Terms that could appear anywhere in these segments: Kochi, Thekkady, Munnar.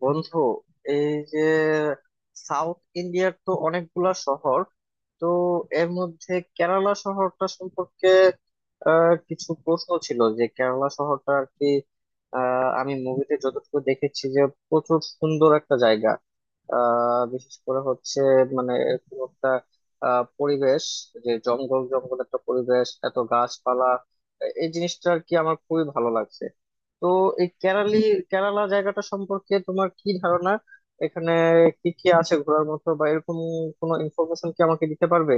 বন্ধু, এই যে সাউথ ইন্ডিয়ার তো অনেকগুলা শহর, তো এর মধ্যে কেরালা শহরটা সম্পর্কে কিছু প্রশ্ন ছিল যে কেরালা শহরটা আর কি। আমি মুভিতে যতটুকু দেখেছি যে প্রচুর সুন্দর একটা জায়গা। বিশেষ করে হচ্ছে মানে এরকম একটা পরিবেশ, যে জঙ্গল জঙ্গল একটা পরিবেশ, এত গাছপালা, এই জিনিসটা আর কি আমার খুবই ভালো লাগছে। তো এই কেরালা জায়গাটা সম্পর্কে তোমার কি ধারণা? এখানে কি কি আছে ঘোরার মতো, বা এরকম কোনো ইনফরমেশন কি আমাকে দিতে পারবে?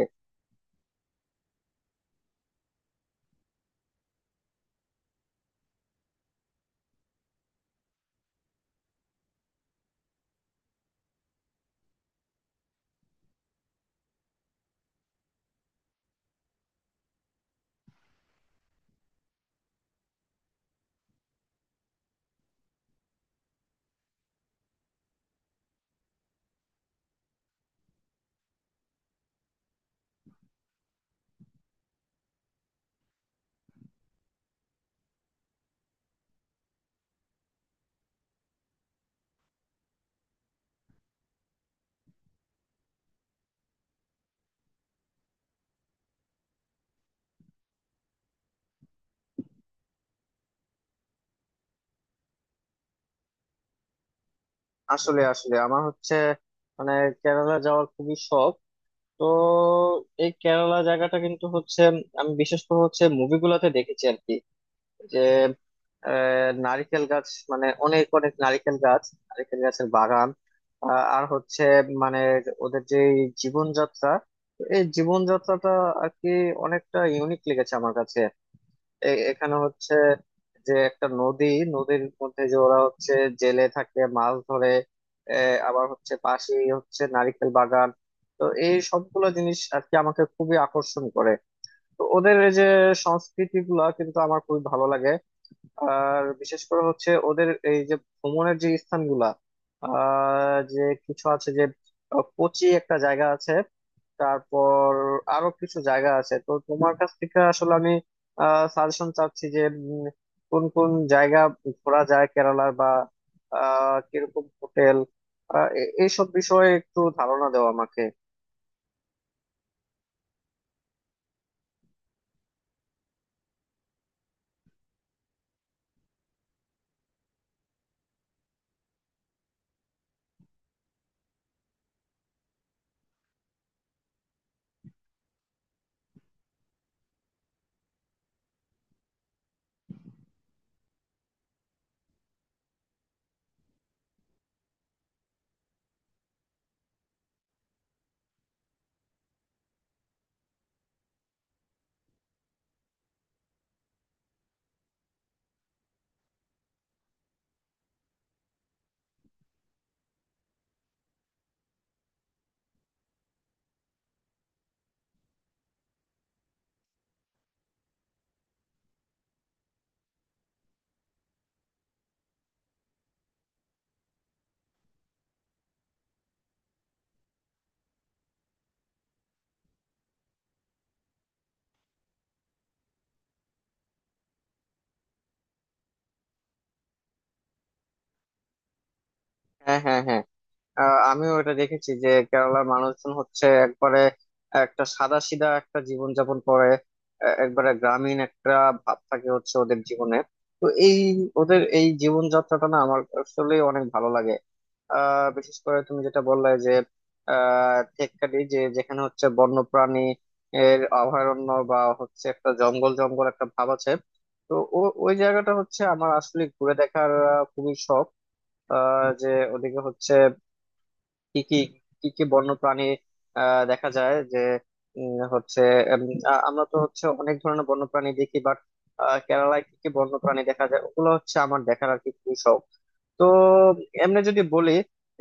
আসলে আসলে আমার হচ্ছে মানে কেরালা যাওয়ার খুবই শখ। তো এই কেরালা জায়গাটা কিন্তু হচ্ছে, আমি বিশেষ করে হচ্ছে মুভিগুলোতে দেখেছি আর কি, যে নারিকেল গাছ, মানে অনেক অনেক নারিকেল গাছ, নারিকেল গাছের বাগান। আর হচ্ছে মানে ওদের যে জীবনযাত্রা, তো এই জীবনযাত্রাটা আর কি অনেকটা ইউনিক লেগেছে আমার কাছে। এখানে হচ্ছে যে একটা নদী, নদীর মধ্যে যে ওরা হচ্ছে জেলে থাকে, মাছ ধরে। আবার হচ্ছে পাশেই হচ্ছে নারিকেল বাগান। তো এই সবগুলো জিনিস আর কি আমাকে খুবই আকর্ষণ করে। তো ওদের এই যে সংস্কৃতি গুলা কিন্তু আমার খুবই ভালো লাগে। আর বিশেষ করে হচ্ছে ওদের এই যে ভ্রমণের যে স্থানগুলা, যে কিছু আছে যে কোচি একটা জায়গা আছে, তারপর আরো কিছু জায়গা আছে। তো তোমার কাছ থেকে আসলে আমি সাজেশন চাচ্ছি যে উম, কোন কোন জায়গা ঘোরা যায় কেরালার, বা কিরকম হোটেল, এইসব বিষয়ে একটু ধারণা দাও আমাকে। হ্যাঁ, হ্যাঁ, হ্যাঁ, আমিও এটা দেখেছি যে কেরালার মানুষজন হচ্ছে একবারে একটা সাদা সিধা একটা জীবনযাপন করে। একবারে গ্রামীণ একটা ভাব থাকে হচ্ছে ওদের জীবনে। তো এই ওদের এই জীবনযাত্রাটা না আমার আসলে অনেক ভালো লাগে। বিশেষ করে তুমি যেটা বললে যে টেক্কাটি, যে যেখানে হচ্ছে বন্যপ্রাণী এর অভয়ারণ্য, বা হচ্ছে একটা জঙ্গল জঙ্গল একটা ভাব আছে। তো ওই জায়গাটা হচ্ছে আমার আসলে ঘুরে দেখার খুবই শখ। যে ওদিকে হচ্ছে কি কি কি কি বন্য প্রাণী দেখা যায় যে উম, হচ্ছে উম, আমরা তো হচ্ছে অনেক ধরনের বন্য প্রাণী দেখি, বাট কেরালায় কি কি বন্য প্রাণী দেখা যায় ওগুলো হচ্ছে আমার দেখার আর কি খুবই শখ। তো এমনি যদি বলি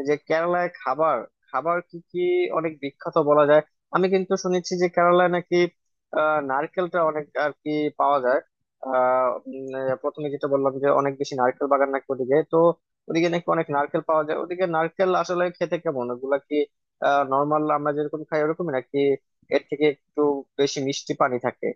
যে কেরালায় খাবার, কি কি অনেক বিখ্যাত বলা যায়? আমি কিন্তু শুনেছি যে কেরালায় নাকি নারকেলটা অনেক আর কি পাওয়া যায়। প্রথমে যেটা বললাম যে অনেক বেশি নারকেল বাগান নাকি ওদিকে, তো ওদিকে নাকি অনেক নারকেল পাওয়া যায়। ওদিকে নারকেল আসলে খেতে কেমন, ওগুলা কি নর্মাল আমরা যেরকম খাই ওরকমই, নাকি এর থেকে একটু বেশি মিষ্টি পানি থাকে?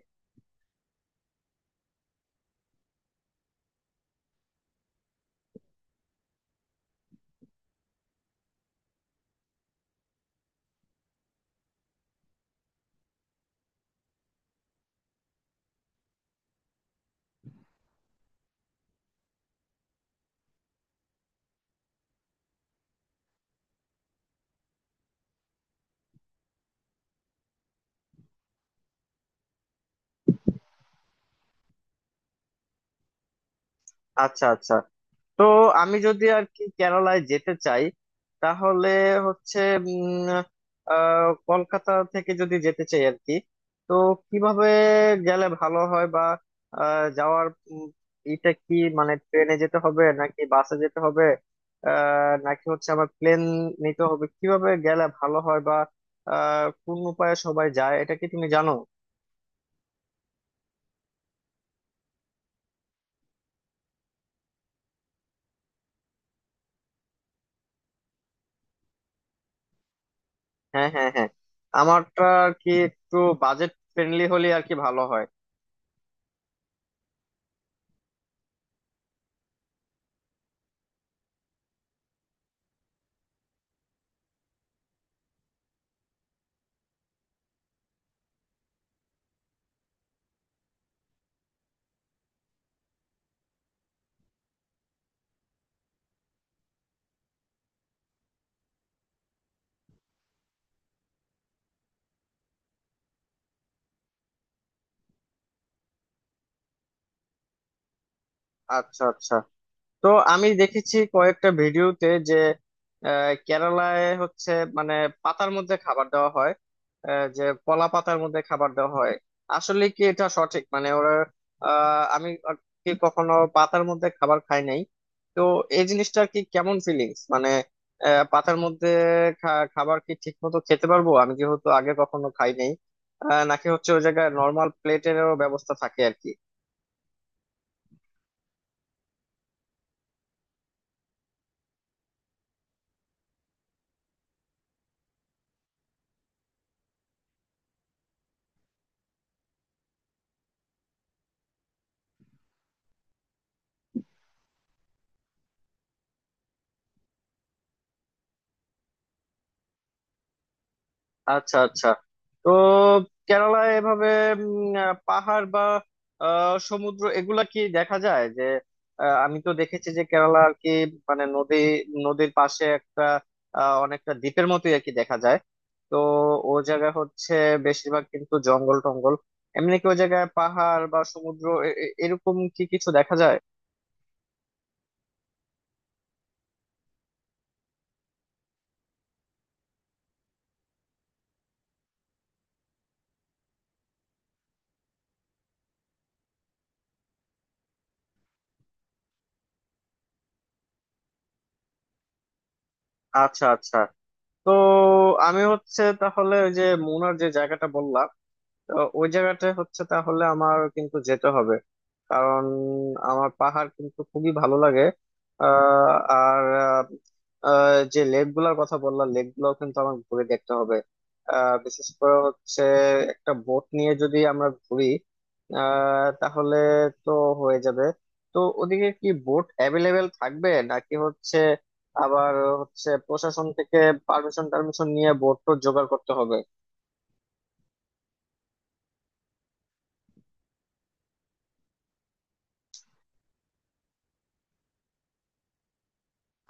আচ্ছা, আচ্ছা, তো আমি যদি আর কি কেরালায় যেতে চাই তাহলে হচ্ছে উম, কলকাতা থেকে যদি যেতে চাই আর কি, তো কিভাবে গেলে ভালো হয়? বা আহ, যাওয়ার উম, এটা কি মানে ট্রেনে যেতে হবে, নাকি বাসে যেতে হবে, নাকি হচ্ছে আমার প্লেন নিতে হবে? কিভাবে গেলে ভালো হয়, বা কোন উপায়ে সবাই যায়, এটা কি তুমি জানো? হ্যাঁ, হ্যাঁ, হ্যাঁ, আমারটা আর কি একটু বাজেট ফ্রেন্ডলি হলে আর কি ভালো হয়। আচ্ছা, আচ্ছা, তো আমি দেখেছি কয়েকটা ভিডিওতে যে কেরালায় হচ্ছে মানে পাতার মধ্যে খাবার দেওয়া হয়, যে কলা পাতার মধ্যে খাবার দেওয়া হয়। আসলে কি এটা সঠিক? মানে ওরা, আমি আর কি কখনো পাতার মধ্যে খাবার খাই নাই, তো এই জিনিসটার কি কেমন ফিলিংস? মানে পাতার মধ্যে খাবার কি ঠিক মতো খেতে পারবো, আমি যেহেতু আগে কখনো খাই নাই? নাকি হচ্ছে ওই জায়গায় নর্মাল প্লেটেরও ব্যবস্থা থাকে আর কি? আচ্ছা, আচ্ছা, তো কেরালায় এভাবে পাহাড় বা সমুদ্র এগুলা কি দেখা যায়, যে আমি তো দেখেছি যে কেরালা আর কি মানে নদী, নদীর পাশে একটা অনেকটা দ্বীপের মতোই আর কি দেখা যায়। তো ও জায়গা হচ্ছে বেশিরভাগ কিন্তু জঙ্গল টঙ্গল। এমনি কি ওই জায়গায় পাহাড় বা সমুদ্র এরকম কি কিছু দেখা যায়? আচ্ছা, আচ্ছা, তো আমি হচ্ছে তাহলে ওই যে মুনার যে জায়গাটা বললাম, তো ওই জায়গাটা হচ্ছে তাহলে আমার কিন্তু যেতে হবে, কারণ আমার পাহাড় কিন্তু খুবই ভালো লাগে। আহ, আর আহ, আহ, যে লেক গুলার কথা বললাম, লেক গুলো কিন্তু আমার ঘুরে দেখতে হবে। বিশেষ করে হচ্ছে একটা বোট নিয়ে যদি আমরা ঘুরি, তাহলে তো হয়ে যাবে। তো ওদিকে কি বোট অ্যাভেলেবেল থাকবে, নাকি হচ্ছে আবার হচ্ছে প্রশাসন থেকে পারমিশন টারমিশন নিয়ে বোট তো জোগাড় করতে হবে?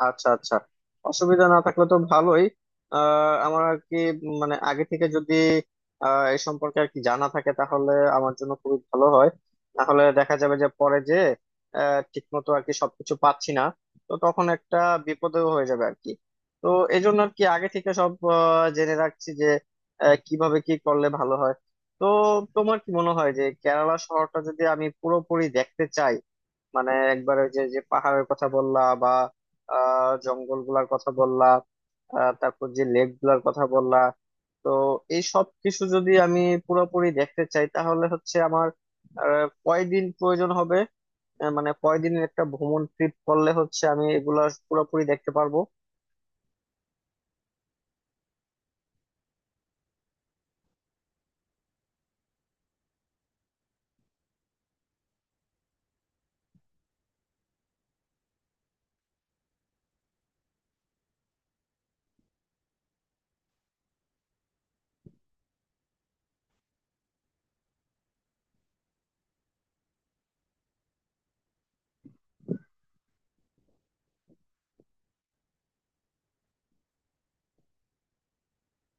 আচ্ছা, আচ্ছা, অসুবিধা না থাকলে তো ভালোই। আমার আর কি মানে আগে থেকে যদি এই সম্পর্কে আর কি জানা থাকে তাহলে আমার জন্য খুবই ভালো হয়। তাহলে দেখা যাবে যে পরে যে ঠিক মতো আর কি সবকিছু পাচ্ছি না, তো তখন একটা বিপদেও হয়ে যাবে আর কি। তো এই জন্য আর কি আগে থেকে সব জেনে রাখছি যে কিভাবে কি করলে ভালো হয়। তো তোমার কি মনে হয় যে কেরালা শহরটা যদি আমি পুরোপুরি দেখতে চাই, মানে একবার ওই যে যে পাহাড়ের কথা বললা, বা জঙ্গল গুলার কথা বললা, তারপর যে লেক গুলার কথা বললা, তো এই সব কিছু যদি আমি পুরোপুরি দেখতে চাই তাহলে হচ্ছে আমার কয়দিন প্রয়োজন হবে? মানে কয়দিনের একটা ভ্রমণ ট্রিপ করলে হচ্ছে আমি এগুলা পুরোপুরি দেখতে পারবো?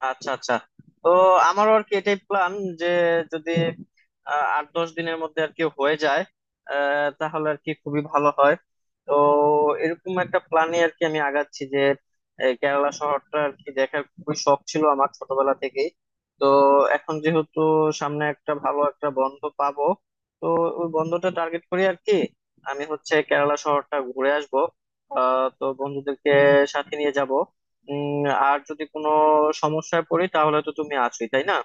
আচ্ছা, আচ্ছা, তো আমারও আর কি এটাই প্ল্যান যে যদি 8-10 দিনের মধ্যে আর কি হয়ে যায়, তাহলে আর কি খুবই ভালো হয়। তো এরকম একটা প্ল্যানে আর কি আমি আগাচ্ছি যে এই কেরালা শহরটা আর কি দেখার খুবই শখ ছিল আমার ছোটবেলা থেকেই। তো এখন যেহেতু সামনে একটা ভালো একটা বন্ধ পাবো, তো ওই বন্ধটা টার্গেট করি আর কি। আমি হচ্ছে কেরালা শহরটা ঘুরে আসবো। তো বন্ধুদেরকে সাথে নিয়ে যাব। উম আর যদি কোনো সমস্যায় পড়ি তাহলে তো তুমি আছোই, তাই না?